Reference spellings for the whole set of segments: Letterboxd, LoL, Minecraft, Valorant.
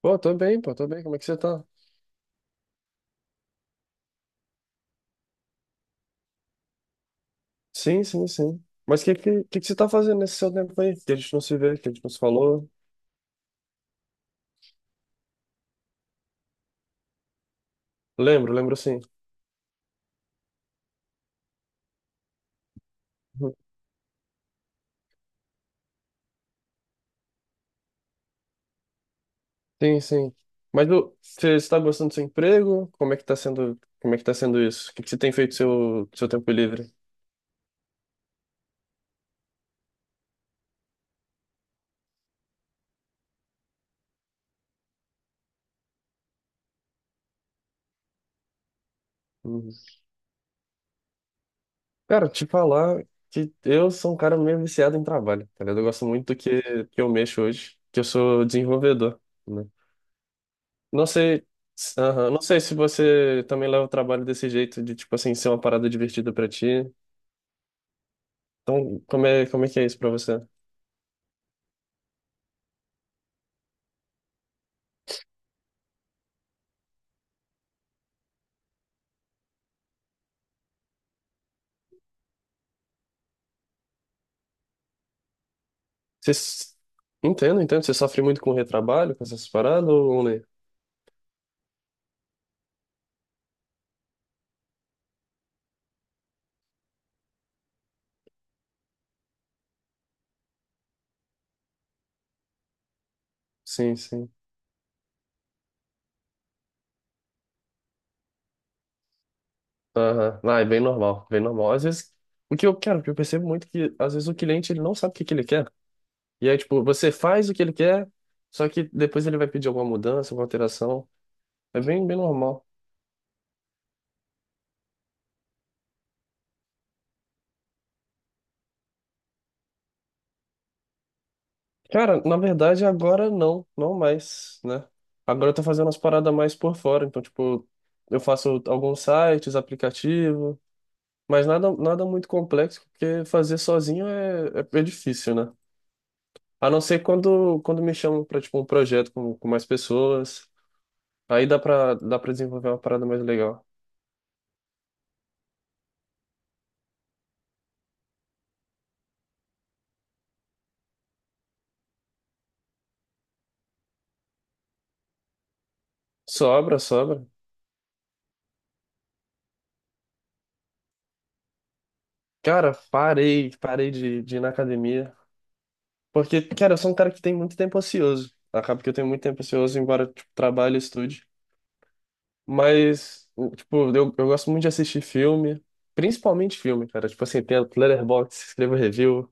Pô, tô bem, pô, tô bem. Como é que você tá? Sim, sim, sim. Mas o que que você tá fazendo nesse seu tempo aí? Que a gente não se vê, que a gente não se falou. Lembro, lembro sim. Uhum. Sim, sim. Mas ô, você está gostando do seu emprego? Como é que tá sendo, como é que tá sendo isso? O que, que você tem feito seu tempo livre? Uhum. Cara, te falar que eu sou um cara meio viciado em trabalho, tá ligado? Eu gosto muito do que eu mexo hoje, que eu sou desenvolvedor, né? Não sei, aham, não sei se você também leva o trabalho desse jeito, de, tipo assim, ser uma parada divertida pra ti. Então, como é que é isso pra você? Você... s- Entendo, entendo. Você sofre muito com retrabalho, com essas paradas, ou nem? Sim, sim. Aham. Ah, é bem normal, bem normal. Às vezes, o que eu quero, o que eu percebo muito é que, às vezes, o cliente, ele não sabe o que que ele quer. E aí, tipo, você faz o que ele quer, só que depois ele vai pedir alguma mudança, alguma alteração. É bem, bem normal. Cara, na verdade, agora não, não mais, né? Agora eu tô fazendo umas paradas mais por fora, então, tipo, eu faço alguns sites, aplicativo, mas nada, nada muito complexo, porque fazer sozinho é difícil, né? A não ser quando, quando me chamam pra, tipo, um projeto com mais pessoas, aí dá pra desenvolver uma parada mais legal. Sobra, sobra. Cara, parei, parei de ir na academia. Porque, cara, eu sou um cara que tem muito tempo ocioso. Acaba que eu tenho muito tempo ocioso, embora, tipo, trabalhe e estude. Mas, tipo, eu gosto muito de assistir filme, principalmente filme, cara. Tipo assim, tem Letterboxd, escrevo review.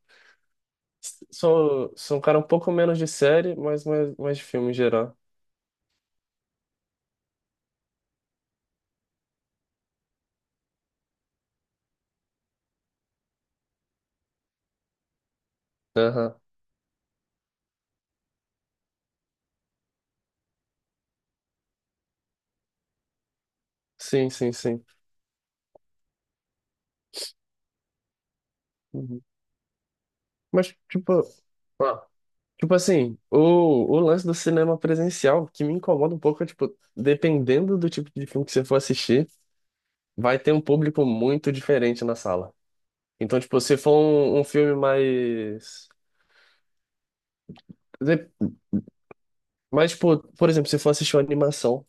Sou, sou um cara um pouco menos de série, mas mais, mais de filme em geral. Aham. Sim, sim, sim. Uhum. Mas, tipo. Ah. Tipo assim, o lance do cinema presencial que me incomoda um pouco é, tipo, dependendo do tipo de filme que você for assistir, vai ter um público muito diferente na sala. Então, tipo, se for um, um filme mais. De- Mais, tipo, por exemplo, se for assistir uma animação,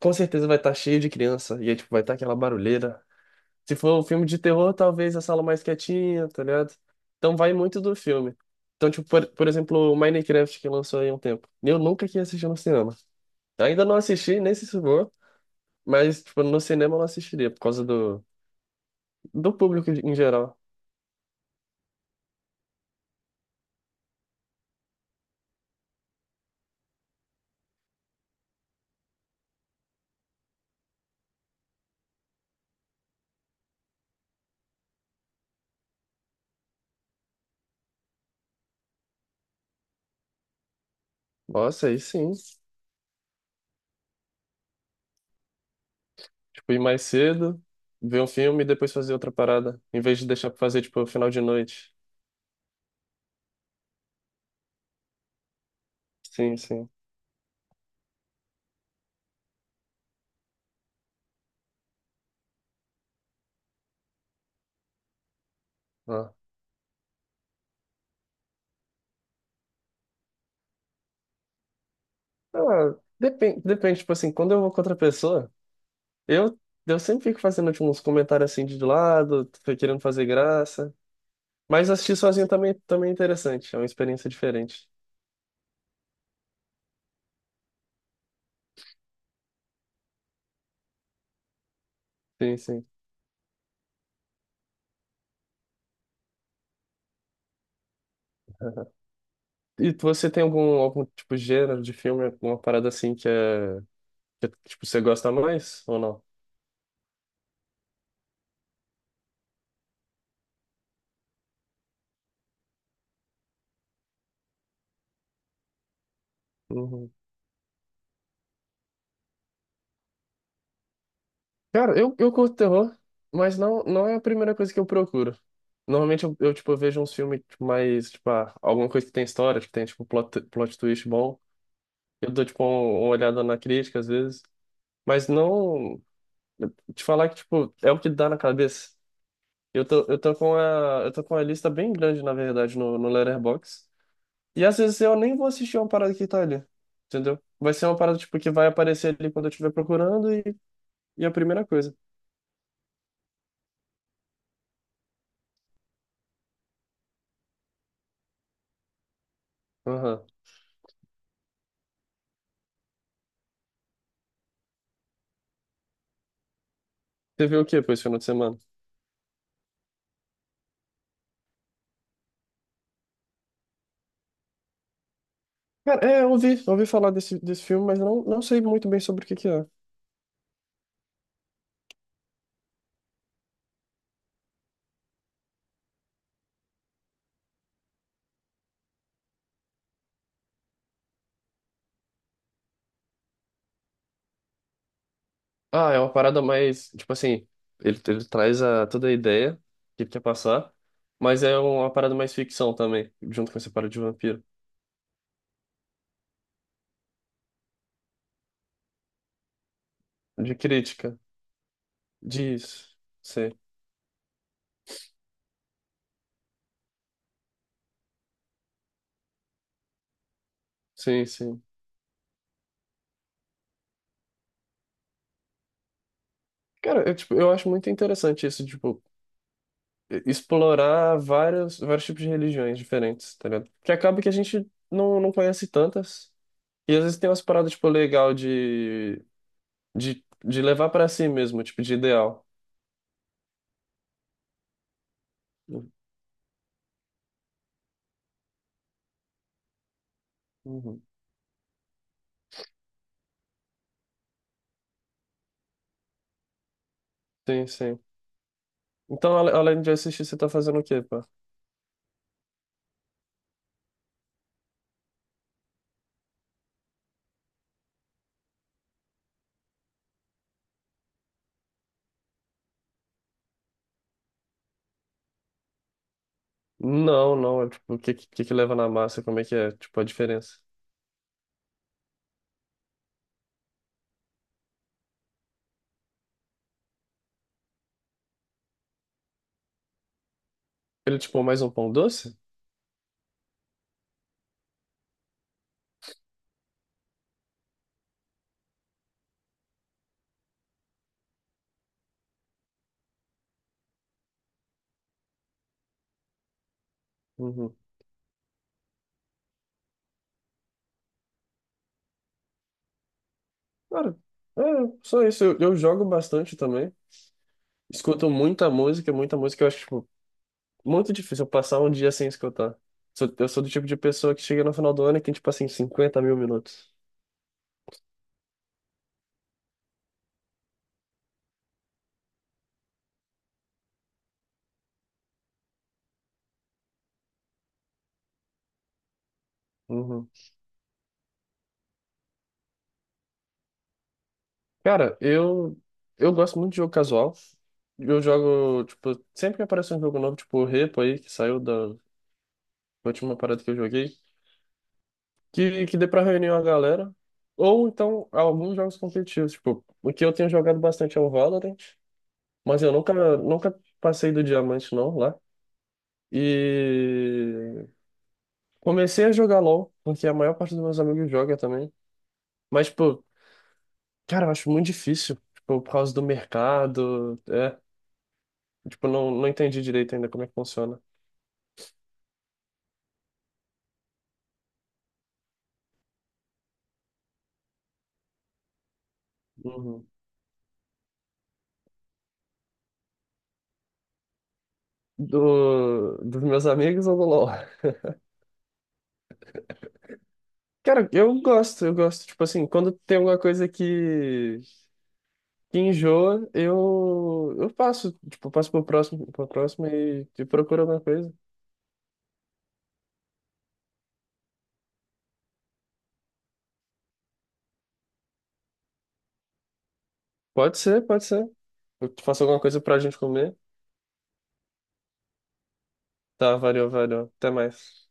com certeza vai estar cheio de criança, e aí, tipo, vai estar aquela barulheira. Se for um filme de terror, talvez a sala mais quietinha, tá ligado? Então vai muito do filme. Então, tipo, por exemplo, o Minecraft que lançou aí há um tempo. Eu nunca quis assistir no cinema. Ainda não assisti, nem se for. Mas, tipo, no cinema eu não assistiria, por causa do, do público em geral. Nossa, aí sim. Tipo, ir mais cedo, ver um filme e depois fazer outra parada, em vez de deixar pra fazer, tipo, final de noite. Sim, sim. Ah. Ah, depende, depende, tipo assim, quando eu vou com outra pessoa, eu, eu sempre fico fazendo, tipo, uns comentários assim de lado, tô querendo fazer graça. Mas assistir sozinho também, também é interessante, é uma experiência diferente. Sim, sim. Você tem algum, algum tipo de gênero de filme, alguma parada assim que é Você- Tipo, você gosta mais ou não? Uhum. Cara, eu curto terror, mas não, não é a primeira coisa que eu procuro. Normalmente eu vejo uns filmes tipo, mais, tipo, ah, alguma coisa que tem história, que tem, tipo, plot, plot twist bom. Eu dou, tipo, uma olhada na crítica, às vezes. Mas não... Te falar que, tipo, é o que dá na cabeça. Eu tô com uma lista bem grande, na verdade, no, no Letterboxd. E às vezes eu nem vou assistir uma parada que tá ali, entendeu? Vai ser uma parada, tipo, que vai aparecer ali quando eu estiver procurando E a primeira coisa. Aham. Você viu o que depois, final de semana? Cara, é, eu ouvi, ouvi falar desse, desse filme, mas não, não sei muito bem sobre o que que é. Ah, é uma parada mais, tipo assim, ele traz a, toda a ideia que ele quer passar, mas é um, uma parada mais ficção também, junto com essa parada de vampiro. De crítica. Diz. Sim, sim, sim. Cara, eu, tipo, eu acho muito interessante isso, tipo, explorar vários, vários tipos de religiões diferentes, tá ligado? Porque acaba que a gente não, não conhece tantas. E às vezes tem umas paradas, tipo, legal de levar pra si mesmo, tipo, de ideal. Uhum. Sim, sim. Além de assistir, você tá fazendo o quê, pá? Não, não, é tipo, o que, que leva na massa, como é que é, tipo, a diferença? Ele, tipo, mais um pão doce? Uhum. Cara, é, só isso, eu jogo bastante também, escuto muita música, eu acho, tipo, muito difícil eu passar um dia sem escutar. Eu sou do tipo de pessoa que chega no final do ano e tem, tipo, assim, 50.000 minutos. Uhum. Cara, eu gosto muito de jogo casual. Eu jogo, tipo, sempre que aparece um jogo novo, tipo o Repo aí, que saiu da última parada que eu joguei, que dê pra reunir uma galera. Ou então alguns jogos competitivos, tipo, o que eu tenho jogado bastante é o Valorant. Mas eu nunca, nunca passei do diamante, não, lá. E comecei a jogar LoL, porque a maior parte dos meus amigos joga também. Mas, tipo, cara, eu acho muito difícil. Tipo, por causa do mercado. É. Tipo, não, não entendi direito ainda como é que funciona. Uhum. Do, dos meus amigos ou do LoL? Cara, eu gosto, eu gosto. Tipo assim, quando tem alguma coisa que enjoa, eu passo. Tipo, eu passo pro próximo e procuro alguma coisa. Pode ser, pode ser. Eu te faço alguma coisa pra gente comer. Tá, valeu, valeu. Até mais.